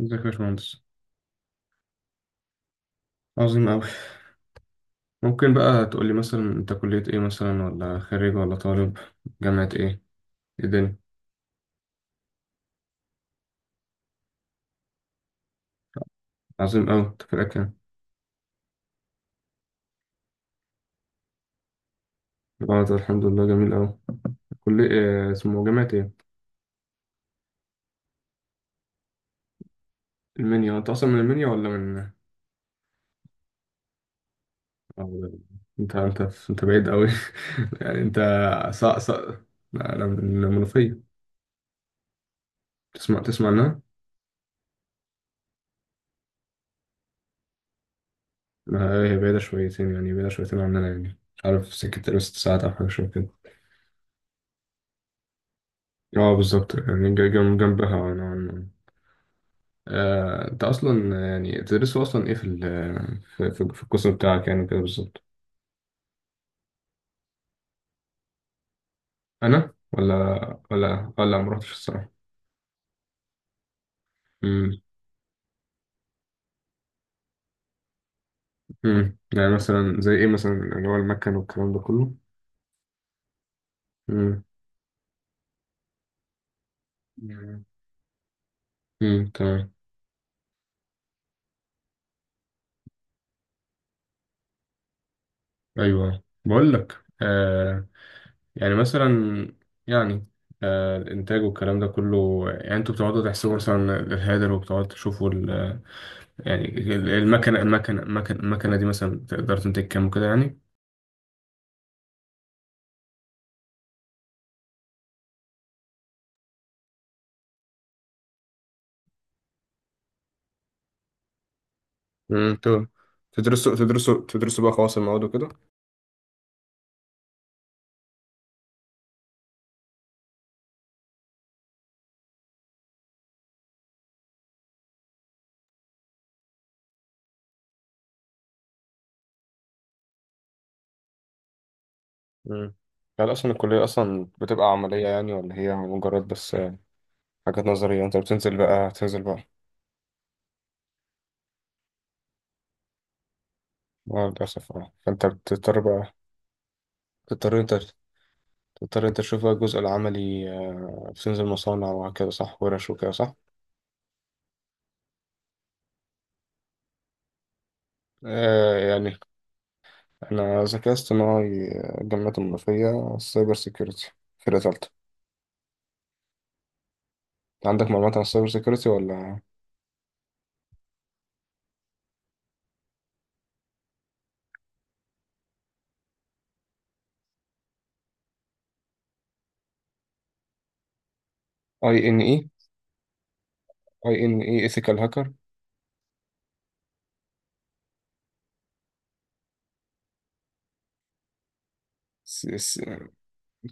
ازيك يا باشمهندس. عظيم أوي. ممكن بقى تقولي مثلا أنت كلية إيه مثلا، ولا خريج ولا طالب؟ جامعة إيه؟ إيه الدنيا؟ عظيم أوي. أنت فرقك كام؟ اه، ده الحمد لله جميل أوي. كلية إيه اسمه؟ جامعة إيه؟ المنيا؟ أنت أصلا من المنيا ولا من... أو- أنت أنت أنت بعيد أوي. يعني أنت، صا صا لا، أنا من المنوفية. تسمع عنها؟ لا، هي بعيدة شويتين، يعني بعيدة شويتين عننا يعني. مش عارف، سكة 6 ساعات أو حاجة شوية كده. اه، بالظبط. يعني جنبها نوعا ما. انت اصلا يعني تدرسوا اصلا ايه في القسم بتاعك يعني، كده بالظبط. انا ولا، ولا ما رحتش الصراحه. امم يعني مثلا زي ايه مثلا، اللي هو المكن والكلام ده كله. امم تمام. ايوه، بقول لك يعني مثلا، يعني، الانتاج والكلام ده كله. يعني انتوا بتقعدوا تحسبوا مثلا الهيدر، وبتقعدوا تشوفوا ال-، يعني المكنه دي مثلا تقدر تنتج كام وكده يعني. امم تدرسوا بقى خواص المواد وكده. مم. هل أصلا الكلية أصلا بتبقى عملية يعني، ولا هي مجرد بس، حاجات نظرية؟ أنت بتنزل بقى تنزل بقى مع للأسف. فأنت بتضطر بقى، تضطر أنت تضطر أنت تشوف بقى الجزء العملي، بتنزل مصانع وهكذا، صح؟ ورش وكده، صح؟ يعني أنا ذكاء اصطناعي، الجامعات المنوفية سايبر سيكيورتي، فرقة تالتة. عندك معلومات عن السايبر سيكيورتي ولا؟ أي إن إي. أي إن إي إيثيكال هاكر.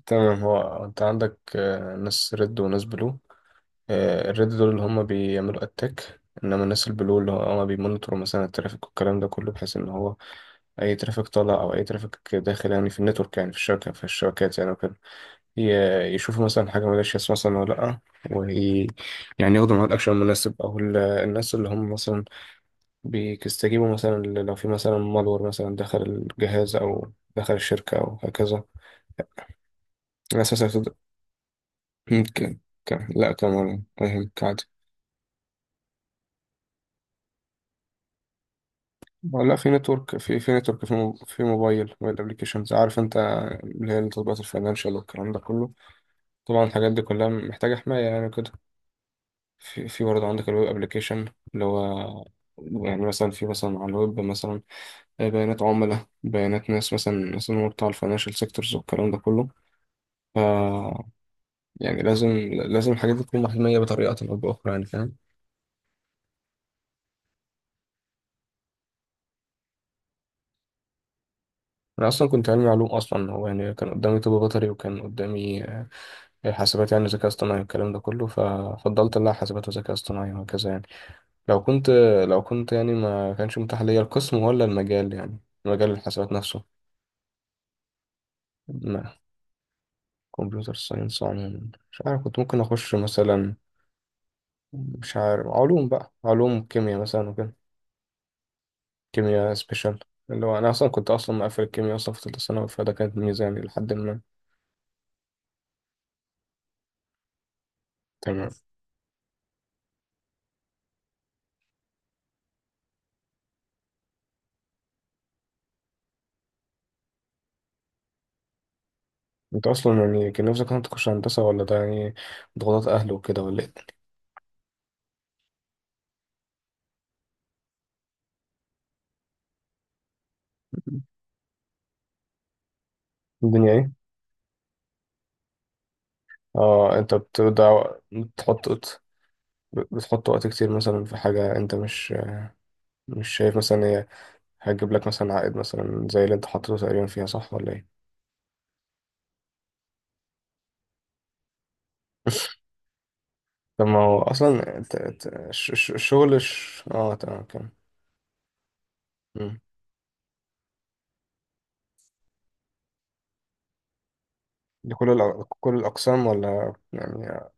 تمام. هو انت عندك، ناس ريد وناس بلو. الريد دول اللي هم بيعملوا اتاك، انما الناس البلو اللي هم بيمونيتوروا مثلا الترافيك والكلام ده كله، بحيث ان هو اي ترافيك طالع او اي ترافيك داخل، يعني في النتورك، يعني في الشبكه، في الشبكات يعني وكده، يشوفوا مثلا حاجه مالهاش مثلا ولا لا، وي يعني ياخدوا معاها الاكشن المناسب، او الناس اللي هم مثلا بيستجيبوا مثلا، لو في مثلا مالور مثلا دخل الجهاز او دخل الشركه او هكذا. الناس مثلا ممكن، لا كمان، فاهمك عادي. لا، في نتورك، في في نتورك، في موبايل ابلكيشنز، عارف انت، اللي هي التطبيقات الفاينانشال والكلام ده كله. طبعا الحاجات دي كلها محتاجة حماية يعني كده. في برضه عندك الويب ابلكيشن، اللي هو يعني مثلا، في مثلا على الويب مثلا، بيانات عملاء، بيانات ناس مثلا هو بتاع الفاينانشال سيكتورز والكلام ده كله. ف، يعني لازم، الحاجات دي تكون محمية بطريقة أو بأخرى، يعني فاهم؟ انا اصلا كنت علمي علوم، اصلا هو يعني كان قدامي طب بيطري، وكان قدامي حاسبات يعني، ذكاء اصطناعي والكلام ده كله، ففضلت لا، حاسبات وذكاء اصطناعي وهكذا يعني. لو كنت لو كنت يعني ما كانش متاح ليا القسم ولا المجال، يعني مجال الحاسبات نفسه. ما كمبيوتر ساينس عموما، مش عارف كنت ممكن اخش مثلا، مش عارف، علوم بقى، علوم كيمياء مثلا وكده، كيمياء سبيشال، اللي هو انا اصلا كنت اصلا مقفل الكيمياء اصلا في ثالثه ثانوي، فده كانت ميزه يعني لحد ما... تمام. انت اصلا يعني كان نفسك انت تخش هندسه، ولا ده يعني ضغوطات اهل وكده، ولا ايه؟ الدنيا ايه؟ اه، انت بتبدأ، بتحط وقت- بتحط وقت كتير مثلا في حاجه انت مش، مش شايف مثلا هي هتجيب لك مثلا عائد مثلا زي اللي انت حاطه تقريبا فيها، صح ولا ايه؟ طب ما هو اصلا، انت الشغل تمام، كان لكل كل الاقسام ولا يعني؟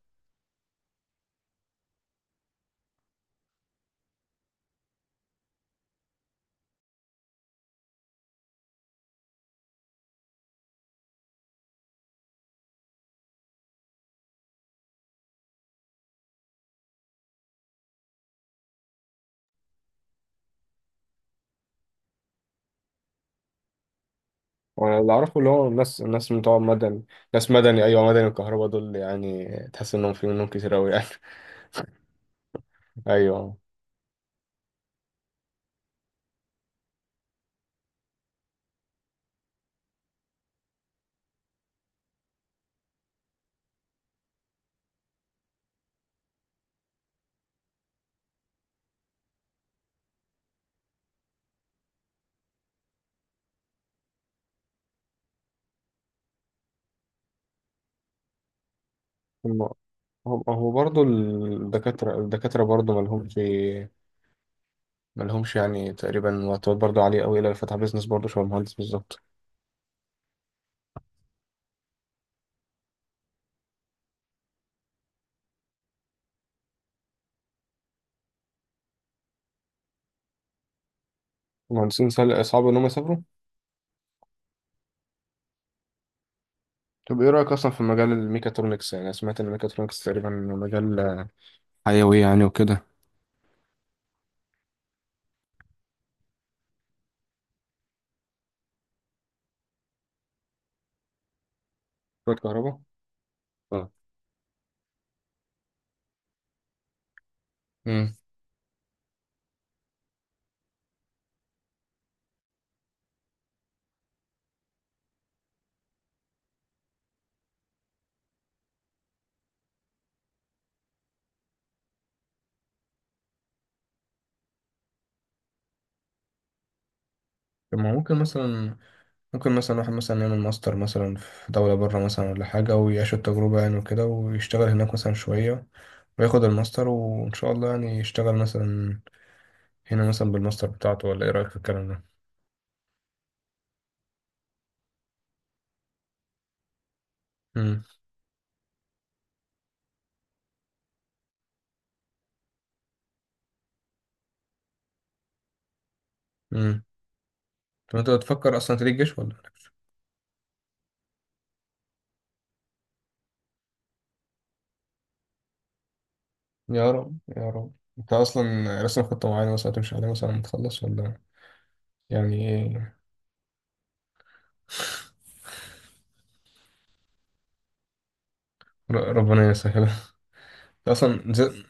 وانا اللي اعرفه اللي هو الناس بتوع مدني، ناس مدني، ايوه، مدني وكهرباء، دول يعني تحس انهم في منهم كتير قوي يعني. ايوه. هم هم هو برضه الدكاترة، برضه مالهمش، يعني تقريبا، وقتات برضه عالية أوي، إلا اللي فتح بيزنس برضه شبه المهندس بالظبط. المهندسين صعب إن هم يسافروا. طب إيه رأيك أصلا في مجال الميكاترونكس، يعني أنا سمعت إن الميكاترونكس تقريبا مجال حيوي يعني وكده. شوية كهرباء. اه. امم. طب ما ممكن مثلا واحد مثلا يعمل ماستر مثلا في دولة بره مثلا ولا حاجة، ويعيش التجربة يعني وكده، ويشتغل هناك مثلا شوية، وياخد الماستر، وإن شاء الله يعني يشتغل مثلا هنا مثلا بالماستر بتاعته، ولا ايه رأيك في الكلام ده؟ امم. امم طب انت بتفكر اصلا تريد جيش ولا لأ؟ يا رب، يا رب. انت اصلا راسم خطة معينة مثلا هتمشي عليها مثلا لما تخلص، ولا يعني ايه؟ ربنا يسهل. اصلا نزلت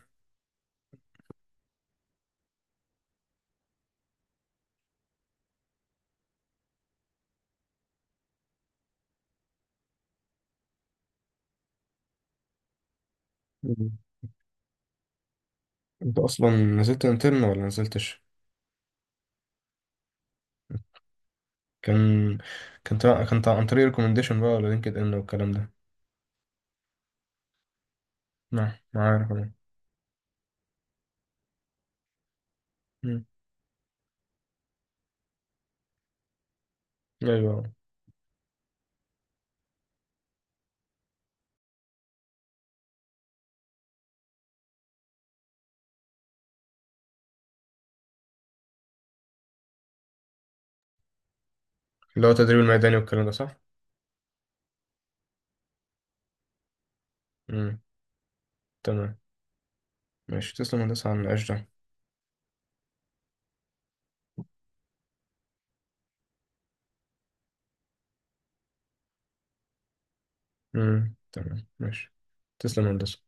انت اصلا نزلت انترن ولا نزلتش؟ كان عن طريق ريكومنديشن بقى، ولا لينكد ان والكلام ده؟ نعم، ما عارف انا. مم. ايوه. اللي هو التدريب الميداني والكلام ده، صح؟ امم، تمام ماشي، تسلم يا هندسة على النقاش ده. امم، تمام ماشي، تسلم يا هندسة.